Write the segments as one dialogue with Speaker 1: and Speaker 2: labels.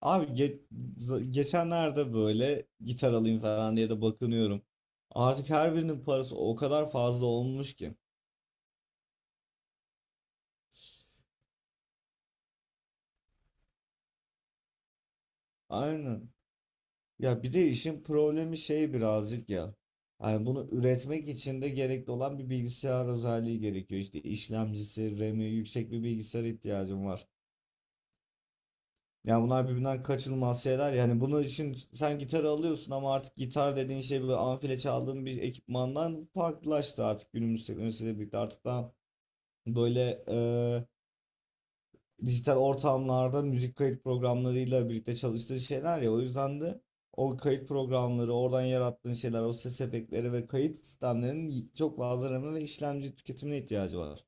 Speaker 1: Abi ge- Geçenlerde böyle gitar alayım falan diye de bakınıyorum. Artık her birinin parası o kadar fazla olmuş ki. Aynen. Ya bir de işin problemi şey birazcık ya. Yani bunu üretmek için de gerekli olan bir bilgisayar özelliği gerekiyor. İşte işlemcisi, RAM'i, yüksek bir bilgisayar ihtiyacım var. Ya bunlar birbirinden kaçınılmaz şeyler. Yani bunun için sen gitar alıyorsun ama artık gitar dediğin şey böyle amfile çaldığın bir ekipmandan farklılaştı artık günümüz teknolojisiyle birlikte. Artık daha böyle dijital ortamlarda müzik kayıt programlarıyla birlikte çalıştığı şeyler ya, o yüzden de o kayıt programları oradan yarattığın şeyler, o ses efektleri ve kayıt sistemlerinin çok fazla RAM ve işlemci tüketimine ihtiyacı var.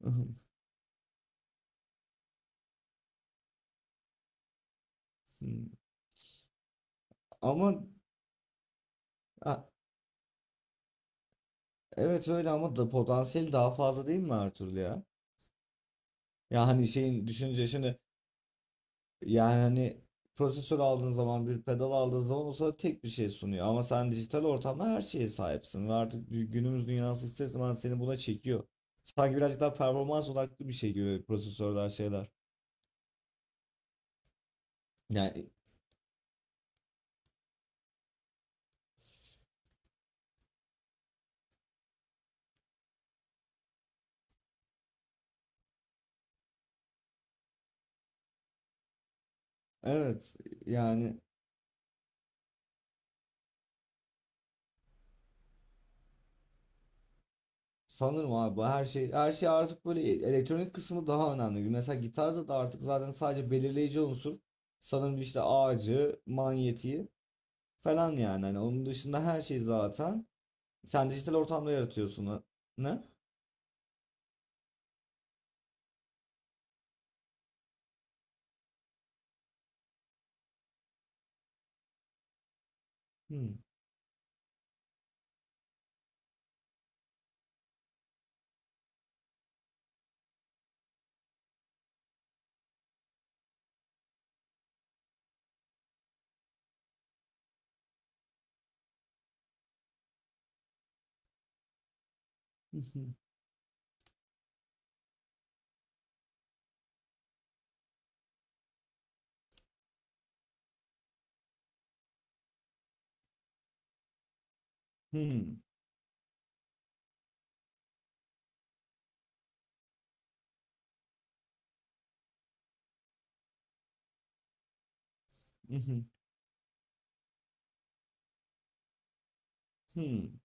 Speaker 1: Hmm. Ama ha, evet öyle ama da potansiyeli daha fazla değil mi Ertuğrul ya? Ya hani şeyin düşününce şimdi. Yani hani prosesör aldığın zaman, bir pedal aldığın zaman o sana tek bir şey sunuyor. Ama sen dijital ortamda her şeye sahipsin ve artık günümüz dünyası ister istemez seni buna çekiyor. Sanki birazcık daha performans odaklı bir şey gibi prosesörler şeyler. Yani evet yani sanırım abi bu her şey her şey, artık böyle elektronik kısmı daha önemli gibi. Mesela gitarda da artık zaten sadece belirleyici unsur sanırım işte ağacı, manyetiği falan yani. Hani onun dışında her şey zaten sen dijital ortamda yaratıyorsun. Ne? Hmm. Hmm. Hmm. Hmm.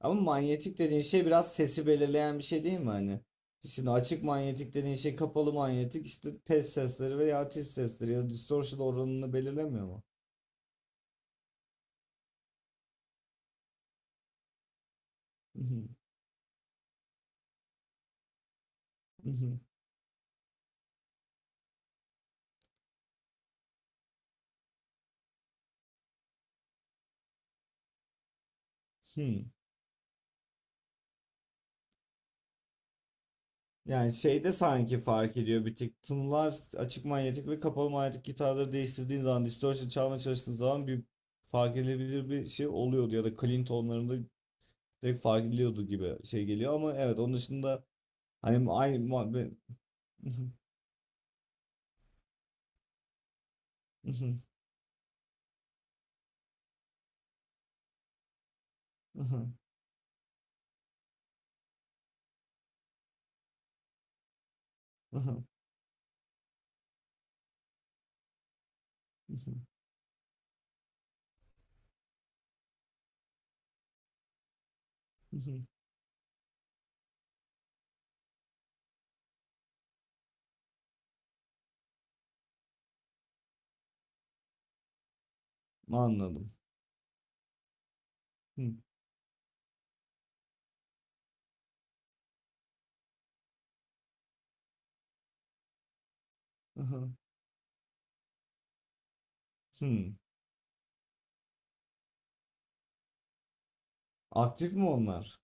Speaker 1: Ama manyetik dediğin şey biraz sesi belirleyen bir şey değil mi hani? Şimdi açık manyetik dediğin şey, kapalı manyetik, işte pes sesleri veya tiz sesleri ya da distortion oranını belirlemiyor mu? Mhm, mhm. Hmm. Yani şeyde sanki fark ediyor bir tık tınılar, açık manyetik ve kapalı manyetik gitarları değiştirdiğin zaman, distortion çalmaya çalıştığın zaman bir fark edilebilir bir şey oluyordu ya da clean tonlarında direkt fark ediliyordu gibi şey geliyor, ama evet onun dışında hani aynı muhabbet. Anladım. Hmm. Aha, hmm. Aktif mi onlar?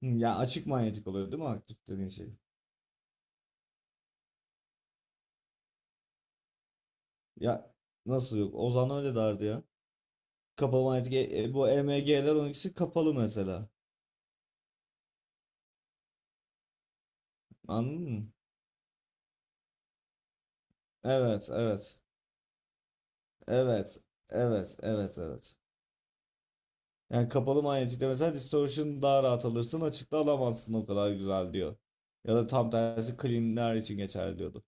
Speaker 1: Hmm. Ya açık manyetik oluyor değil mi aktif dediğin şey? Ya nasıl yok? Ozan öyle derdi ya. Kapalı manyetik, bu EMG'ler ikisi kapalı mesela. Anladın mı? Evet, evet. Evet, evet, evet, evet. Yani kapalı manyetikte mesela distortion daha rahat alırsın. Açıkta alamazsın o kadar güzel diyor. Ya da tam tersi cleanler için geçerli diyordu.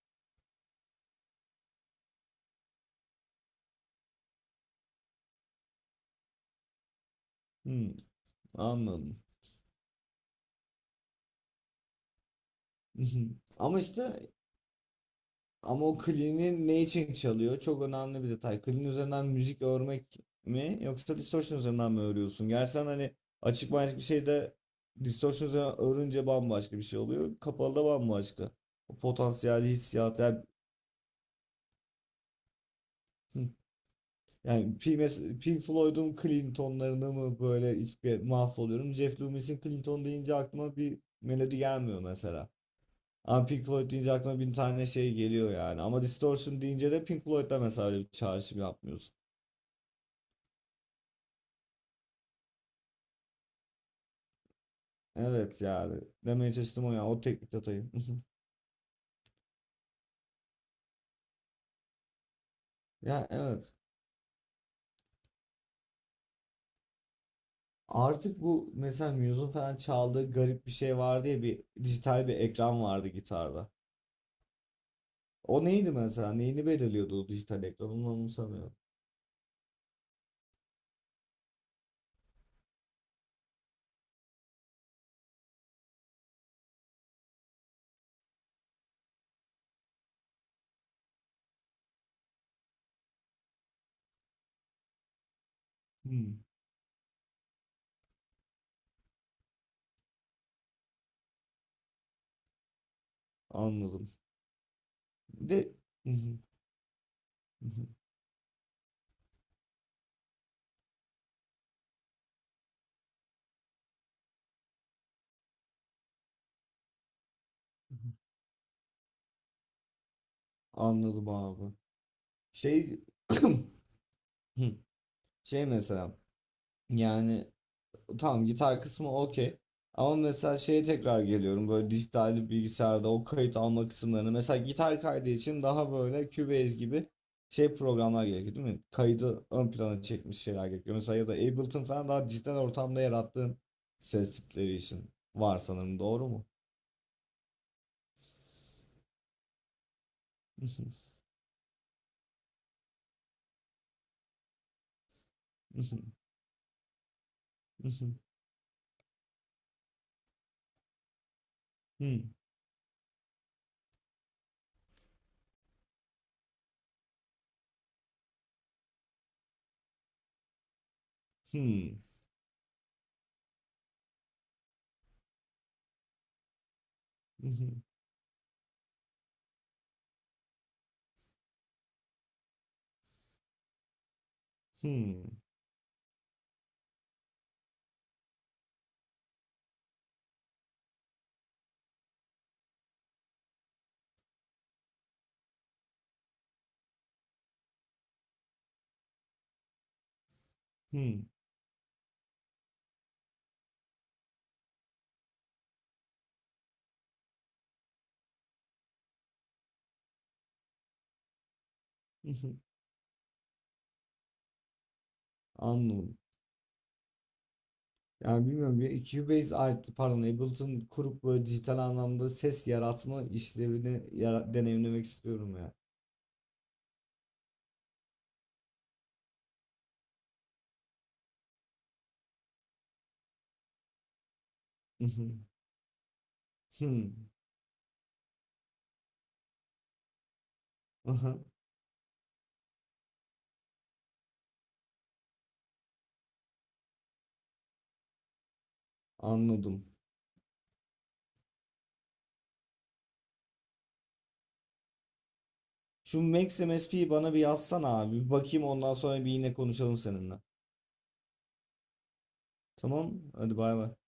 Speaker 1: Hmm, anladım. Ama işte ama o clean'i ne için çalıyor? Çok önemli bir detay. Clean üzerinden müzik örmek mi yoksa distortion üzerinden mi örüyorsun? Gerçi hani açık manyetik bir şeyde distortion üzerinden örünce bambaşka bir şey oluyor. Kapalı da bambaşka. O potansiyel hissiyat yani, hmm. Yani Pink Floyd'un Clinton'larını mı böyle mahvoluyorum. Jeff Loomis'in Clinton deyince aklıma bir melodi gelmiyor mesela. Ama Pink Floyd deyince aklıma bin tane şey geliyor yani. Ama Distortion deyince de Pink Floyd'da mesela öyle bir çağrışım yapmıyorsun. Evet yani demeye çalıştım o ya o teknik detayı. Ya evet. Artık bu mesela Muse'un falan çaldığı garip bir şey vardı ya, bir dijital bir ekran vardı gitarda. O neydi mesela? Neyini belirliyordu o dijital ekran? Onu anımsamıyorum. Hmm, anladım. Bir de anladım abi. Şey şey mesela yani tamam gitar kısmı okey. Ama mesela şeye tekrar geliyorum, böyle dijital bilgisayarda o kayıt alma kısımlarını. Mesela gitar kaydı için daha böyle Cubase gibi şey programlar gerekiyor değil mi? Kaydı ön plana çekmiş şeyler gerekiyor. Mesela ya da Ableton falan daha dijital ortamda yarattığın ses tipleri için var sanırım, doğru mu? Hımm. Anladım. Yani, bilmiyorum ya, Cubase artı pardon, Ableton kurup, böyle, dijital anlamda ses yaratma işlevini deneyimlemek istiyorum ya. I hı. Anladım. Şu Max MSP'yi bana bir yazsana abi. Bir bakayım ondan sonra bir yine konuşalım seninle. Tamam. Hadi bay bay.